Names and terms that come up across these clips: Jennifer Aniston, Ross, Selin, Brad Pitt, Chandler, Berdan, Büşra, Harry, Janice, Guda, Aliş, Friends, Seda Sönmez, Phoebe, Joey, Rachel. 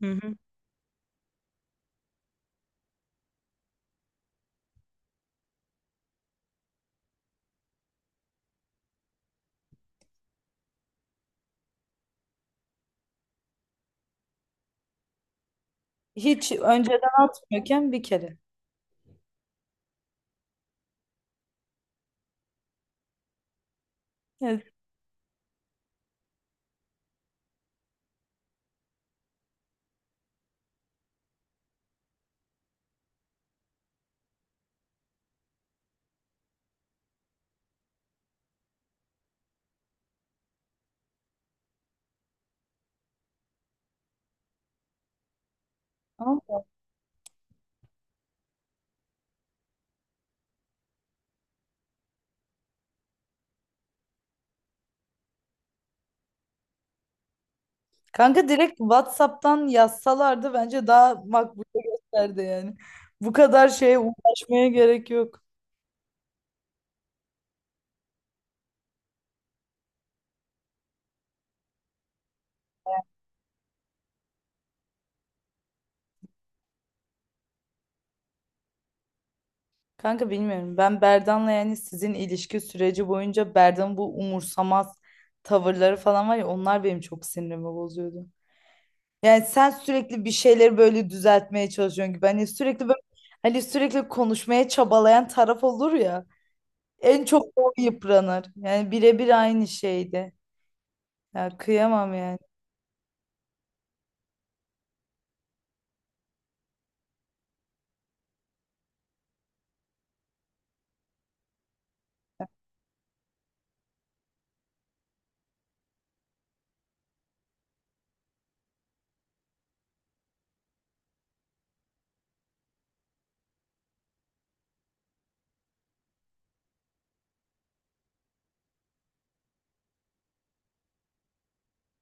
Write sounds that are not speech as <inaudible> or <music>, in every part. Hı hı. Hiç önce tamam mı? Kanka direkt WhatsApp'tan yazsalardı bence daha makbule gösterdi yani. Bu kadar şeye uğraşmaya gerek yok. Kanka bilmiyorum. Ben Berdan'la yani sizin ilişki süreci boyunca Berdan'ın bu umursamaz tavırları falan var ya, onlar benim çok sinirimi bozuyordu. Yani sen sürekli bir şeyleri böyle düzeltmeye çalışıyorsun gibi. Hani sürekli böyle, hani sürekli konuşmaya çabalayan taraf olur ya. En çok o yıpranır. Yani birebir aynı şeydi. Ya kıyamam yani.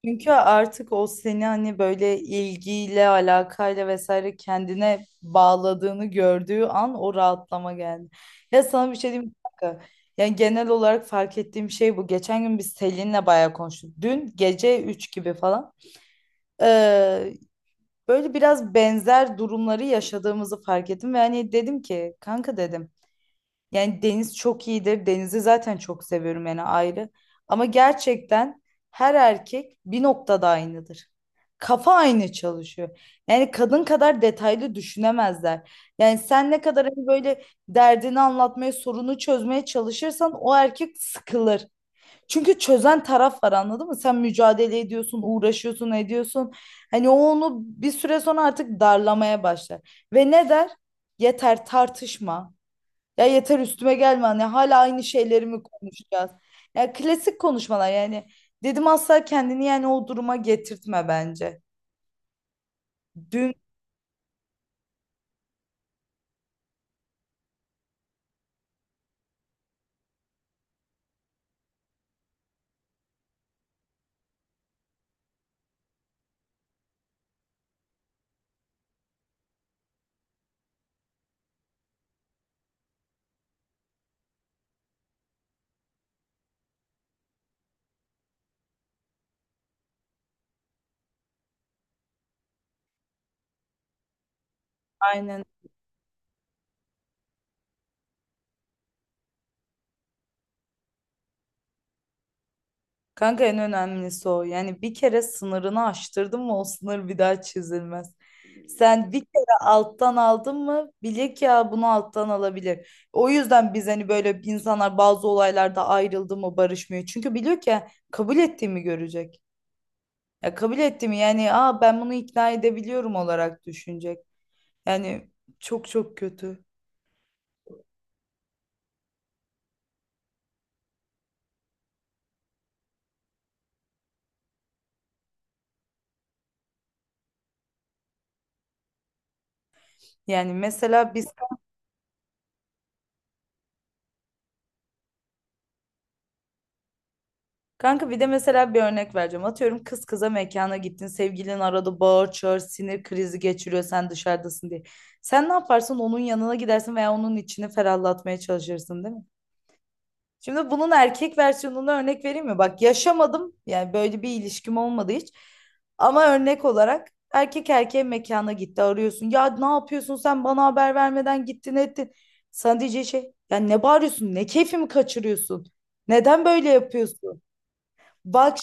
Çünkü artık o seni hani böyle ilgiyle, alakayla vesaire kendine bağladığını gördüğü an o rahatlama geldi. Ya sana bir şey diyeyim mi kanka? Yani genel olarak fark ettiğim şey bu. Geçen gün biz Selin'le bayağı konuştuk. Dün gece 3 gibi falan. Ee, Böyle biraz benzer durumları yaşadığımızı fark ettim. Ve hani dedim ki kanka dedim. Yani Deniz çok iyidir. Denizi zaten çok seviyorum yani ayrı. Ama gerçekten her erkek bir noktada aynıdır. Kafa aynı çalışıyor. Yani kadın kadar detaylı düşünemezler. Yani sen ne kadar hani böyle derdini anlatmaya, sorunu çözmeye çalışırsan o erkek sıkılır. Çünkü çözen taraf var, anladın mı? Sen mücadele ediyorsun, uğraşıyorsun, ediyorsun. Hani o onu bir süre sonra artık darlamaya başlar. Ve ne der? Yeter tartışma. Ya yeter üstüme gelme, hani hala aynı şeyleri mi konuşacağız? Ya klasik konuşmalar yani. Dedim asla kendini yani o duruma getirtme bence. Dün aynen. Kanka en önemlisi o. Yani bir kere sınırını aştırdın mı o sınır bir daha çizilmez. Sen bir kere alttan aldın mı bile ki ya bunu alttan alabilir. O yüzden biz hani böyle insanlar bazı olaylarda ayrıldı mı barışmıyor. Çünkü biliyor ki kabul ettiğimi görecek. Ya kabul ettim yani, aa ben bunu ikna edebiliyorum olarak düşünecek. Yani çok çok kötü. Yani mesela biz kanka bir de mesela bir örnek vereceğim. Atıyorum, kız kıza mekana gittin. Sevgilin arada bağır çağır sinir krizi geçiriyor sen dışarıdasın diye. Sen ne yaparsın? Onun yanına gidersin veya onun içini ferahlatmaya çalışırsın değil mi? Şimdi bunun erkek versiyonuna örnek vereyim mi? Bak yaşamadım yani, böyle bir ilişkim olmadı hiç. Ama örnek olarak erkek erkeğe mekana gitti, arıyorsun. Ya ne yapıyorsun, sen bana haber vermeden gittin ettin. Sana diyeceği şey ya ne bağırıyorsun, ne keyfimi kaçırıyorsun? Neden böyle yapıyorsun? Bak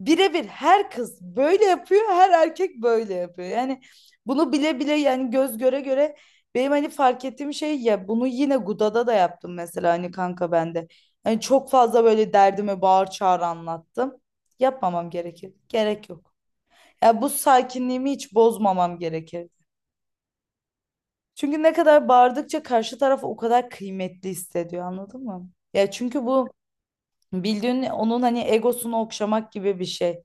birebir her kız böyle yapıyor, her erkek böyle yapıyor. Yani bunu bile bile yani göz göre göre benim hani fark ettiğim şey ya bunu yine Guda'da da yaptım mesela hani kanka bende. Hani çok fazla böyle derdimi bağır çağır anlattım. Yapmamam gerekir. Gerek yok. Ya bu sakinliğimi hiç bozmamam gerekir. Çünkü ne kadar bağırdıkça karşı taraf o kadar kıymetli hissediyor, anladın mı? Ya çünkü bu bildiğin onun hani egosunu okşamak gibi bir şey.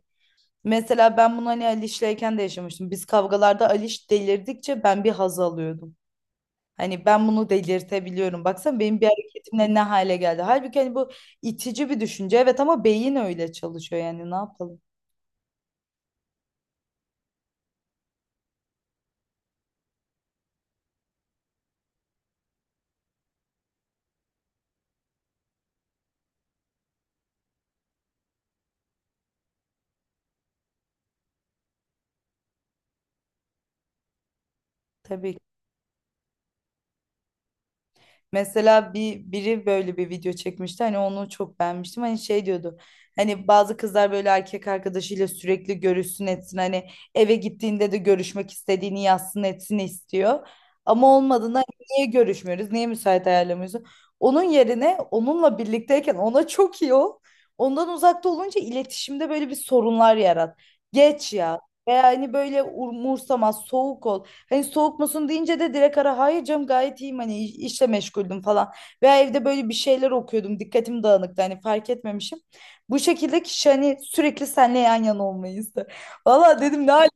Mesela ben bunu hani Aliş'leyken de yaşamıştım. Biz kavgalarda Aliş delirdikçe ben bir haz alıyordum. Hani ben bunu delirtebiliyorum. Baksana benim bir hareketimle ne hale geldi. Halbuki hani bu itici bir düşünce. Evet ama beyin öyle çalışıyor yani, ne yapalım. Tabii ki. Mesela bir biri böyle bir video çekmişti hani onu çok beğenmiştim hani şey diyordu, hani bazı kızlar böyle erkek arkadaşıyla sürekli görüşsün etsin, hani eve gittiğinde de görüşmek istediğini yazsın etsin istiyor ama olmadığında hani niye görüşmüyoruz, niye müsait ayarlamıyorsun. Onun yerine onunla birlikteyken ona çok iyi ol, ondan uzakta olunca iletişimde böyle bir sorunlar yarat geç ya, veya hani böyle umursamaz soğuk ol. Hani soğuk musun deyince de direkt ara, hayır canım gayet iyiyim hani işle meşguldüm falan. Veya evde böyle bir şeyler okuyordum, dikkatim dağınıktı hani fark etmemişim. Bu şekilde kişi hani sürekli seninle yan yana olmayı ister. Valla dedim ne hal.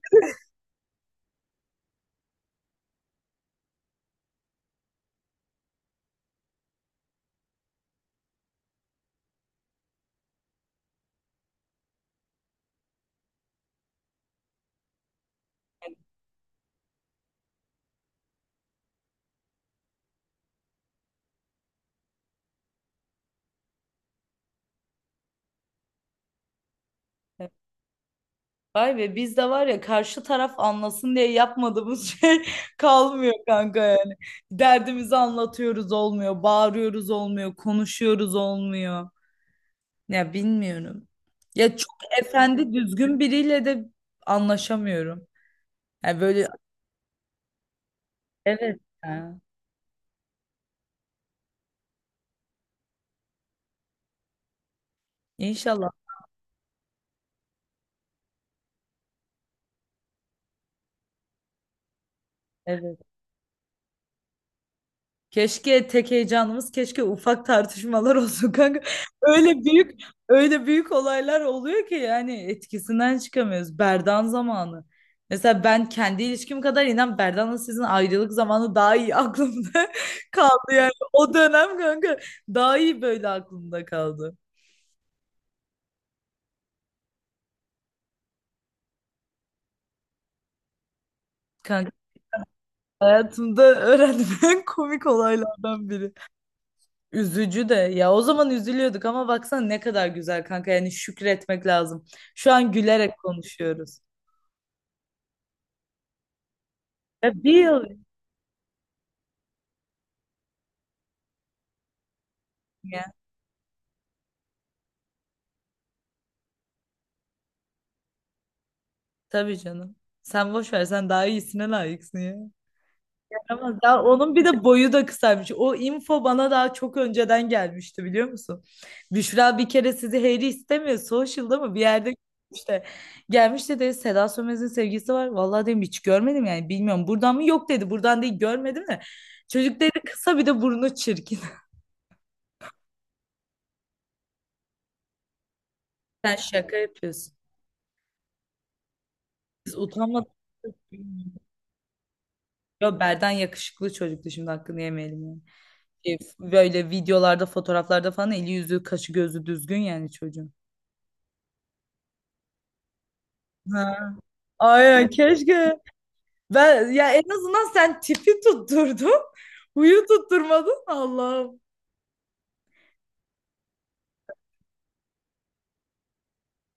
Vay be, biz de var ya karşı taraf anlasın diye yapmadığımız şey <laughs> kalmıyor kanka yani. Derdimizi anlatıyoruz olmuyor, bağırıyoruz olmuyor, konuşuyoruz olmuyor. Ya bilmiyorum. Ya çok efendi düzgün biriyle de anlaşamıyorum. Yani böyle evet ya. İnşallah. Evet. Keşke tek heyecanımız keşke ufak tartışmalar <laughs> olsun kanka. Öyle büyük öyle büyük olaylar oluyor ki yani etkisinden çıkamıyoruz. Berdan zamanı. Mesela ben kendi ilişkim kadar inan Berdan'la sizin ayrılık zamanı daha iyi aklımda <laughs> kaldı yani. O dönem kanka daha iyi böyle aklımda kaldı. Kanka hayatımda öğrendiğim en komik olaylardan biri. Üzücü de, ya o zaman üzülüyorduk ama baksana ne kadar güzel kanka, yani şükretmek lazım. Şu an gülerek konuşuyoruz. Ya bir yıl ya. Tabii canım. Sen boş ver, sen daha iyisine layıksın ya. Ama daha onun bir de boyu da kısaymış. O info bana daha çok önceden gelmişti biliyor musun? Büşra bir kere sizi Harry istemiyor. Social'da mı bir yerde işte gelmiş dedi Seda Sönmez'in sevgisi var. Vallahi dedim hiç görmedim yani bilmiyorum. Buradan mı? Yok dedi. Buradan değil görmedim de. Çocuk dedi kısa bir de burnu çirkin. Sen şaka yapıyorsun. Biz utanmadık. Yo, Berden yakışıklı çocuktu şimdi hakkını yemeyelim yani. Şey, böyle videolarda fotoğraflarda falan eli yüzü kaşı gözü düzgün yani çocuğun. Ha. Aynen keşke. Ben ya en azından sen tipi tutturdun. Huyu tutturmadın. Allah'ım.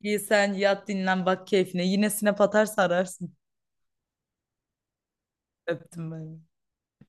İyi sen yat dinlen bak keyfine. Yine sinep atarsa ararsın. Öptüm ben.